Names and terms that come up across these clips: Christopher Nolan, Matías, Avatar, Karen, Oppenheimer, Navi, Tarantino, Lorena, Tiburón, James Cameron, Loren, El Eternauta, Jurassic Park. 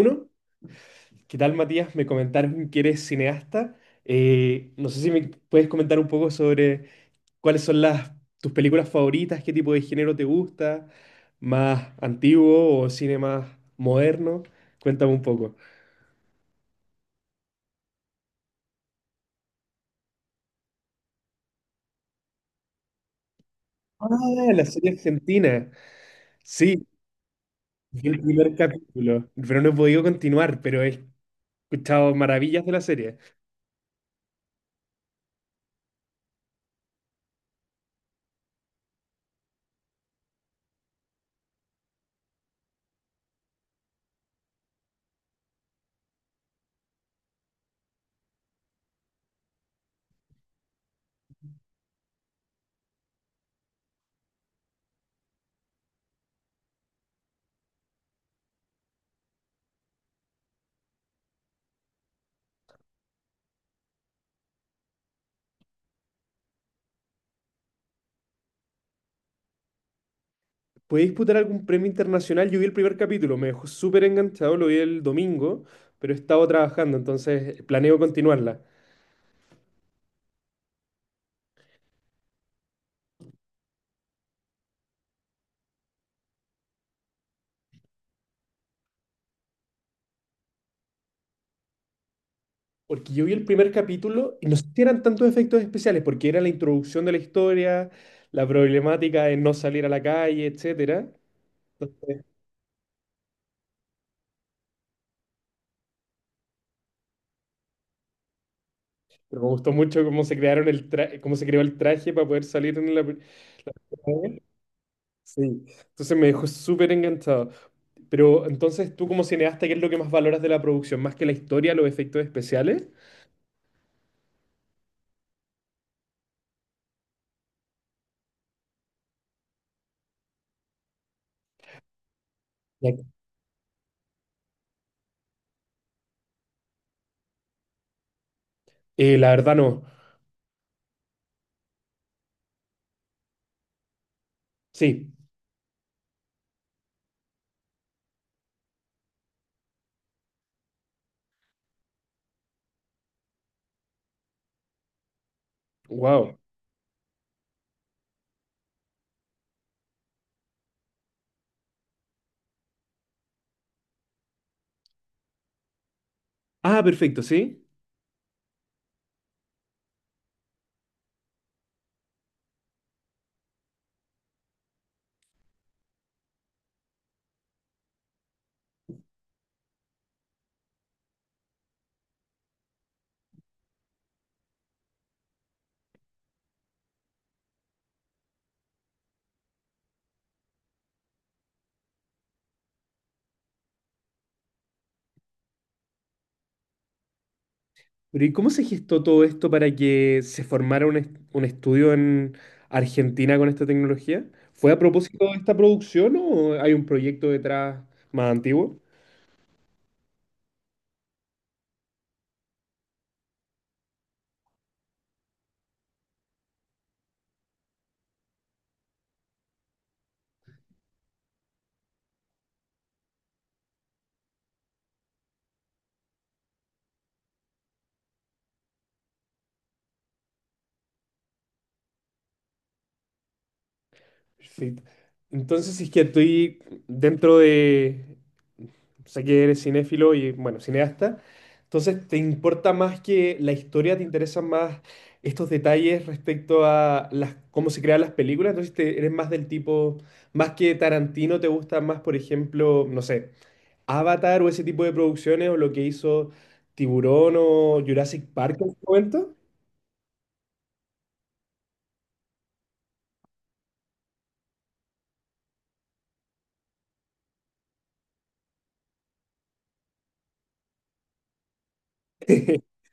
Uno, ¿qué tal, Matías? Me comentaron que eres cineasta. No sé si me puedes comentar un poco sobre cuáles son las, tus películas favoritas, qué tipo de género te gusta, más antiguo o cine más moderno. Cuéntame un poco. Ah, la serie argentina. Sí, vi el primer capítulo, pero no he podido continuar, pero he escuchado maravillas de la serie. ¿Puede disputar algún premio internacional? Yo vi el primer capítulo, me dejó súper enganchado, lo vi el domingo, pero he estado trabajando, entonces planeo continuarla. Porque yo vi el primer capítulo y no sé si eran tantos efectos especiales, porque era la introducción de la historia, la problemática de no salir a la calle, etcétera. Entonces, pero me gustó mucho cómo se crearon el tra- cómo se creó el traje para poder salir en la... Sí. Entonces me dejó súper enganchado. Pero entonces tú como cineasta, ¿qué es lo que más valoras de la producción? ¿Más que la historia, los efectos especiales? La verdad no. Sí, wow. Ah, perfecto, sí. Pero ¿y cómo se gestó todo esto para que se formara un estudio en Argentina con esta tecnología? ¿Fue a propósito de esta producción o hay un proyecto detrás más antiguo? Perfecto. Entonces, si es que estoy dentro de, sé que eres cinéfilo y, bueno, cineasta, entonces te importa más que la historia, te interesan más estos detalles respecto a cómo se crean las películas, entonces eres más del tipo, más que Tarantino, te gusta más, por ejemplo, no sé, Avatar o ese tipo de producciones o lo que hizo Tiburón o Jurassic Park en su momento.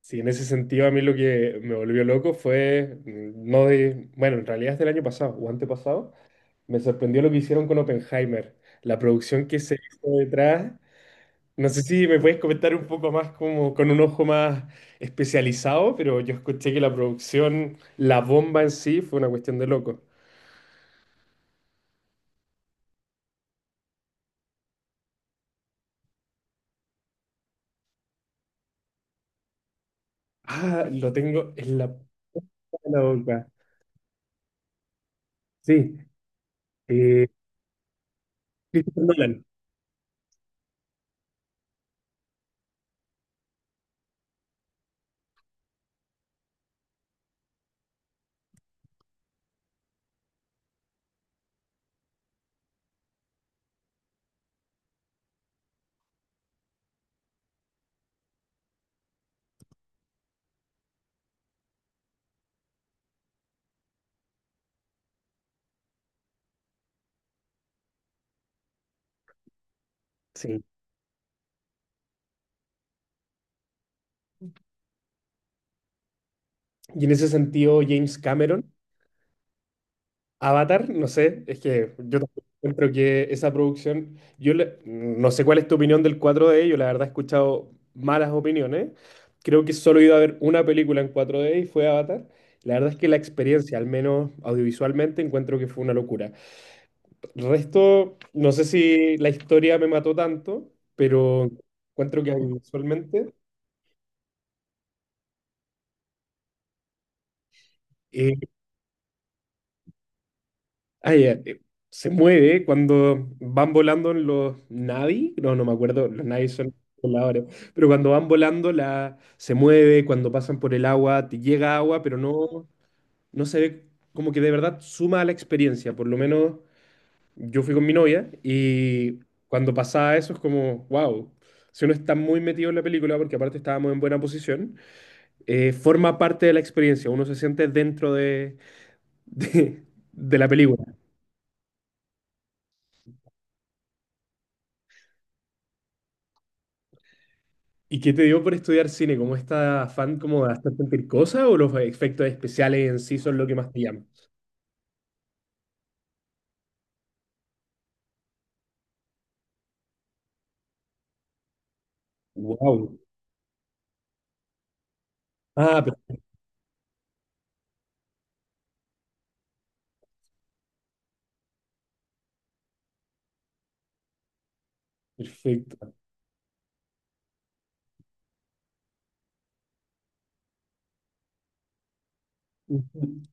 Sí, en ese sentido a mí lo que me volvió loco fue, mm, no de, bueno, en realidad es del año pasado o antepasado, me sorprendió lo que hicieron con Oppenheimer, la producción que se hizo detrás. No sé si me puedes comentar un poco más como con un ojo más especializado, pero yo escuché que la producción, la bomba en sí, fue una cuestión de loco. Ah, lo tengo en la punta de la boca. Sí, eh, Christopher Nolan. Sí. Y en ese sentido, James Cameron. Avatar, no sé, es que yo tampoco encuentro que esa producción, no sé cuál es tu opinión del cuatro d, yo la verdad he escuchado malas opiniones, creo que solo he ido a ver una película en cuatro d y fue Avatar, la verdad es que la experiencia, al menos audiovisualmente, encuentro que fue una locura. Resto, no sé si la historia me mató tanto, pero encuentro que audiovisualmente eh, Ay, eh, eh, se mueve cuando van volando en los Navi, no, no me acuerdo, los Navi son voladores, pero cuando van volando se mueve, cuando pasan por el agua, te llega agua, pero no, no se ve como que de verdad suma a la experiencia, por lo menos yo fui con mi novia y cuando pasaba eso es como, wow, si uno está muy metido en la película, porque aparte estábamos en buena posición, forma parte de la experiencia, uno se siente dentro de, de la película. ¿Y qué te dio por estudiar cine? ¿Cómo esta afán como de hacer sentir cosas o los efectos especiales en sí son lo que más te llama? Wow. Ah, per- Perfecto. Ujú.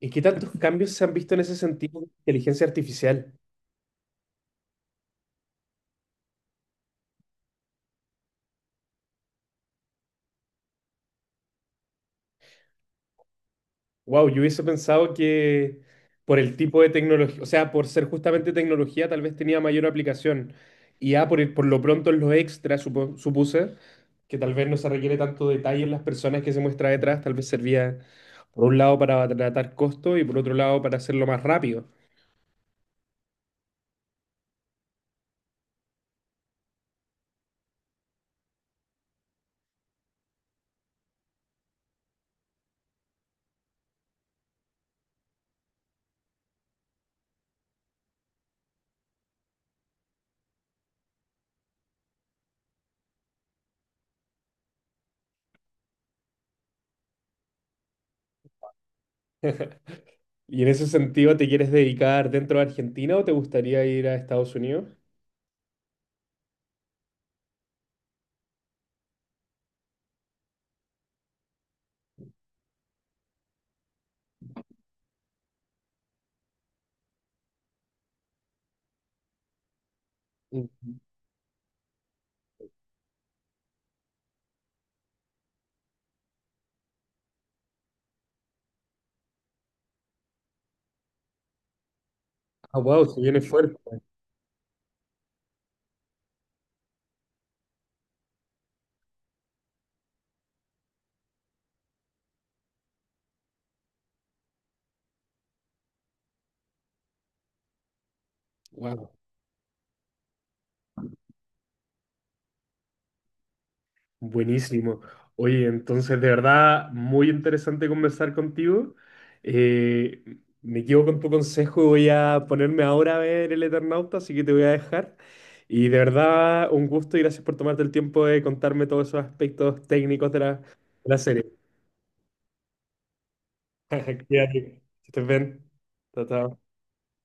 ¿Y qué tantos cambios se han visto en ese sentido de inteligencia artificial? Wow, yo hubiese pensado que por el tipo de tecnología, o sea, por ser justamente tecnología, tal vez tenía mayor aplicación. Y a por, por lo pronto en los extras, supuse que tal vez no se requiere tanto detalle en las personas que se muestra detrás, tal vez servía por un lado para tratar costo y por otro lado para hacerlo más rápido. ¿Y en ese sentido te quieres dedicar dentro de Argentina o te gustaría ir a Estados Unidos? Mm. Ah, wow, se viene fuerte. Wow. Buenísimo. Oye, entonces de verdad muy interesante conversar contigo. Eh, Me quedo con tu consejo, voy a ponerme ahora a ver El Eternauta, así que te voy a dejar. Y de verdad un gusto y gracias por tomarte el tiempo de contarme todos esos aspectos técnicos de de la serie. Cuídate, que estés bien. Chao, chao.